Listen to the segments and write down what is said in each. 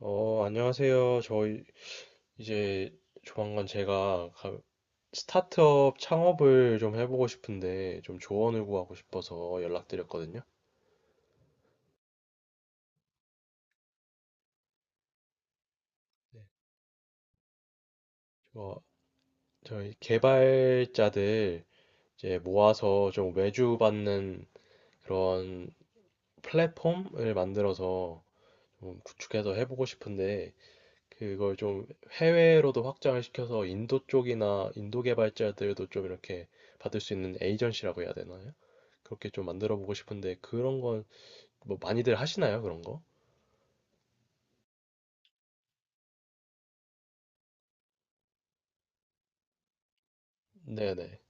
안녕하세요. 저 이제 조만간 제가 스타트업 창업을 좀 해보고 싶은데 좀 조언을 구하고 싶어서 연락드렸거든요. 네. 어, 저희 개발자들 이제 모아서 좀 외주 받는 그런 플랫폼을 만들어서 좀 구축해서 해보고 싶은데 그걸 좀 해외로도 확장을 시켜서 인도 쪽이나 인도 개발자들도 좀 이렇게 받을 수 있는 에이전시라고 해야 되나요? 그렇게 좀 만들어 보고 싶은데 그런 건 뭐 많이들 하시나요? 그런 거? 네네.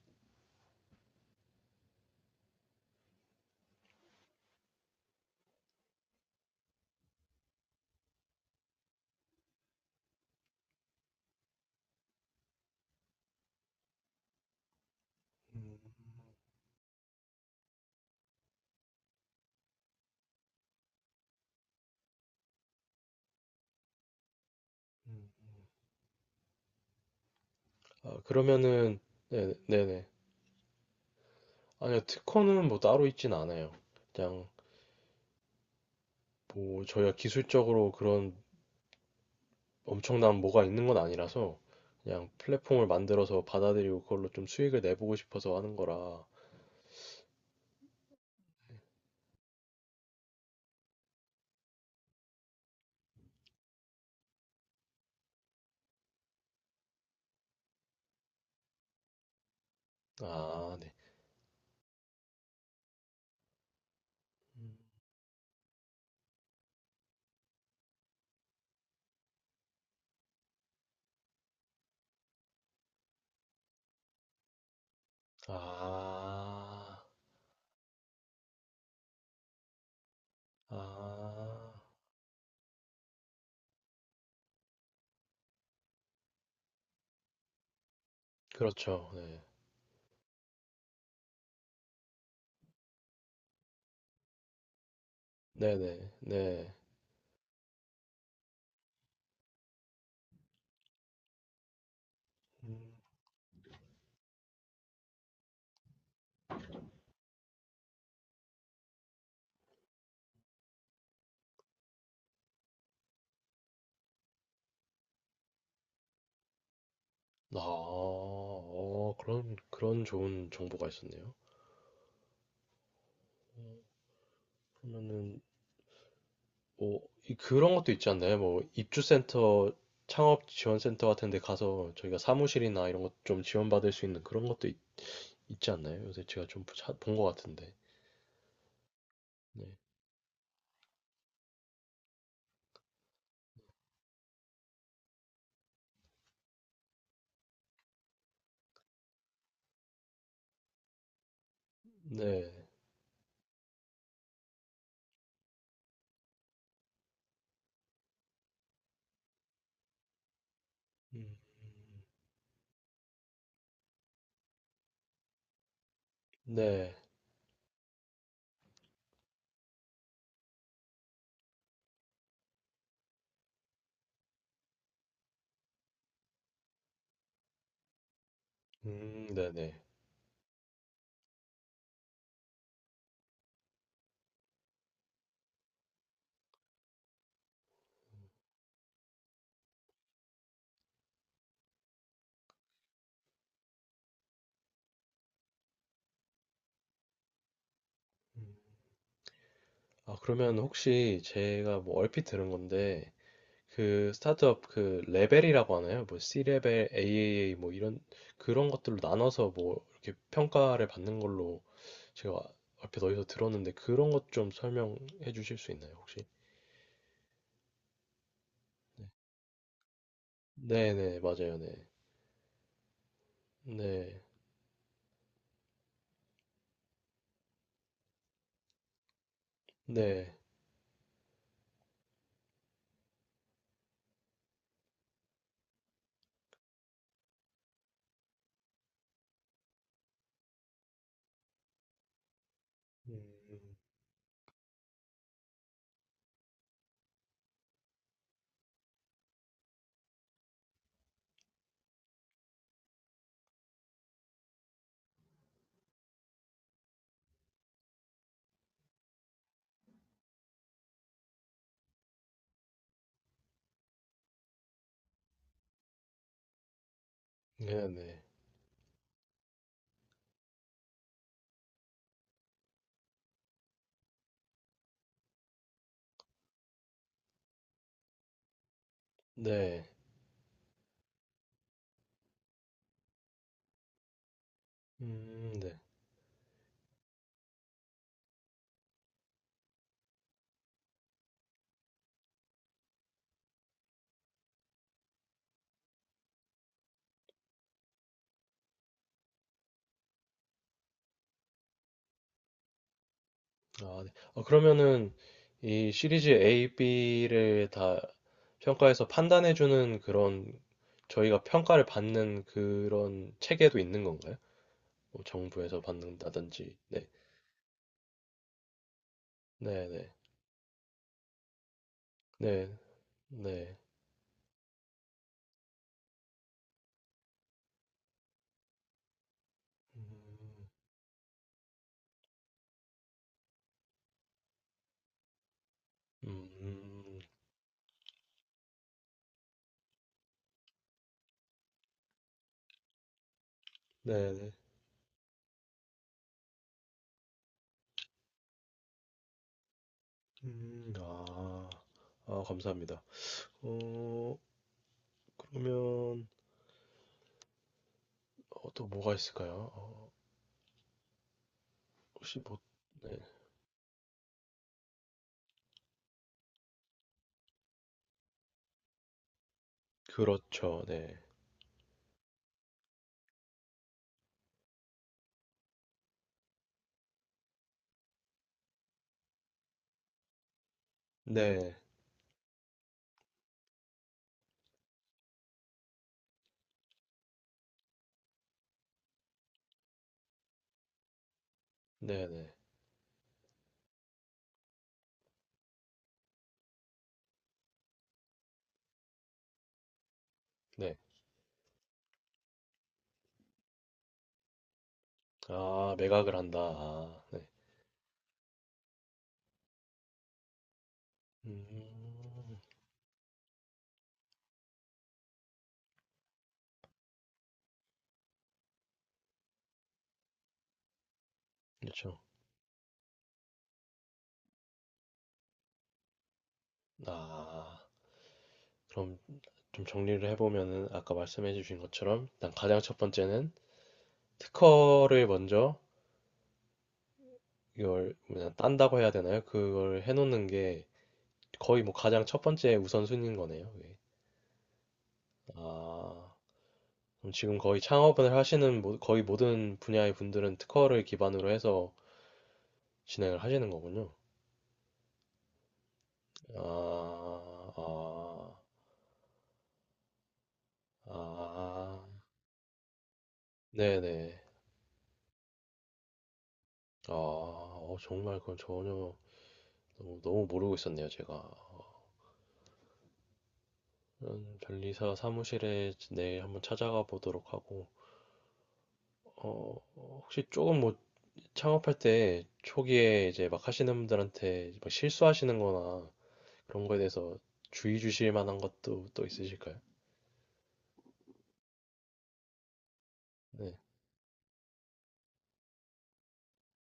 음, 음. 아, 그러면은 네네. 네네. 아니요. 특허는 뭐 따로 있진 않아요. 그냥 뭐 저희가 기술적으로 그런 엄청난 뭐가 있는 건 아니라서 그냥 플랫폼을 만들어서 받아들이고 그걸로 좀 수익을 내보고 싶어서 하는 거라. 아, 네. 음. 아, 아, 그렇죠. 네, 네네, 네. 음. 아, 그런 좋은 정보가 있었네요. 그러면은, 뭐, 그런 것도 있지 않나요? 뭐, 입주센터, 창업 지원센터 같은 데 가서 저희가 사무실이나 이런 것 좀 지원받을 수 있는 그런 것도 있, 지 않나요? 요새 제가 좀 본 것 같은데. 네. 네. 음, 네. 네네. 음. 아, 그러면 혹시 제가 뭐 얼핏 들은 건데, 그 스타트업 그 레벨이라고 하나요? 뭐 C레벨, AAA 뭐 이런 그런 것들로 나눠서 뭐 이렇게 평가를 받는 걸로 제가 앞에 어디서 들었는데 그런 것 좀 설명해 주실 수 있나요, 혹시? 네. 네네, 맞아요, 네. 네, 네. 음, 네네, 네. 네. 아, 네. 그러면은 이 시리즈 A, B를 다 평가에서 판단해주는 그런 저희가 평가를 받는 그런 체계도 있는 건가요? 뭐 정부에서 받는다든지. 네, 네, 네, 네, 네, 음, 음, 네, 네, 아, 아, 감사합니다. 어, 그러면 또 뭐가 있을까요? 혹시 뭐, 네, 그렇죠, 네, 네, 네, 네, 네, 아, 매각을 한다. 아, 네, 음, 그렇죠. 아, 그럼. 좀 정리를 해보면은 아까 말씀해 주신 것처럼 일단 가장 첫 번째는 특허를 먼저 이걸 뭐냐 딴다고 해야 되나요? 그걸 해놓는 게 거의 뭐 가장 첫 번째 우선순위인 거네요. 예. 아, 그럼 지금 거의 창업을 하시는 거의 모든 분야의 분들은 특허를 기반으로 해서 진행을 하시는 거군요. 아, 아, 아, 아. 네네. 아, 정말 그건 전혀 너무, 너무 모르고 있었네요, 제가. 저는 변리사 사무실에 내일 한번 찾아가 보도록 하고, 혹시 조금 뭐 창업할 때 초기에 이제 막 하시는 분들한테 막 실수하시는 거나 그런 거에 대해서 주의 주실 만한 것도 또 있으실까요? 네.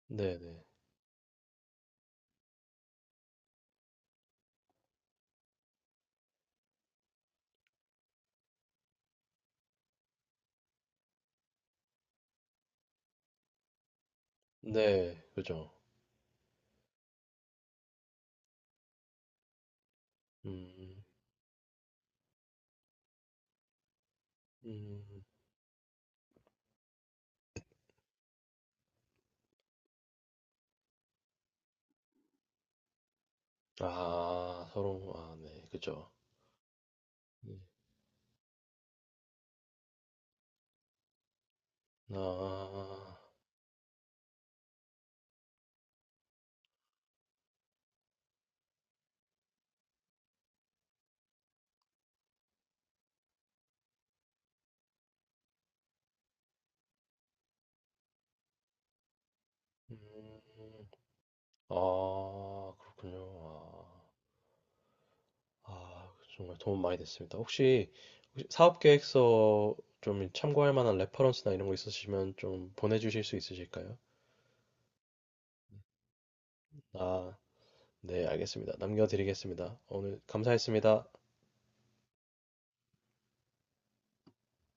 네네. 네, 네, 그죠. 음, 음, 아, 서로, 아, 네, 그죠. 네. 아, 음, 음. 아, 그렇군요. 아. 아, 정말 도움 많이 됐습니다. 혹시 사업 계획서 좀 참고할 만한 레퍼런스나 이런 거 있으시면 좀 보내주실 수 있으실까요? 아, 네, 알겠습니다. 남겨드리겠습니다. 오늘 감사했습니다.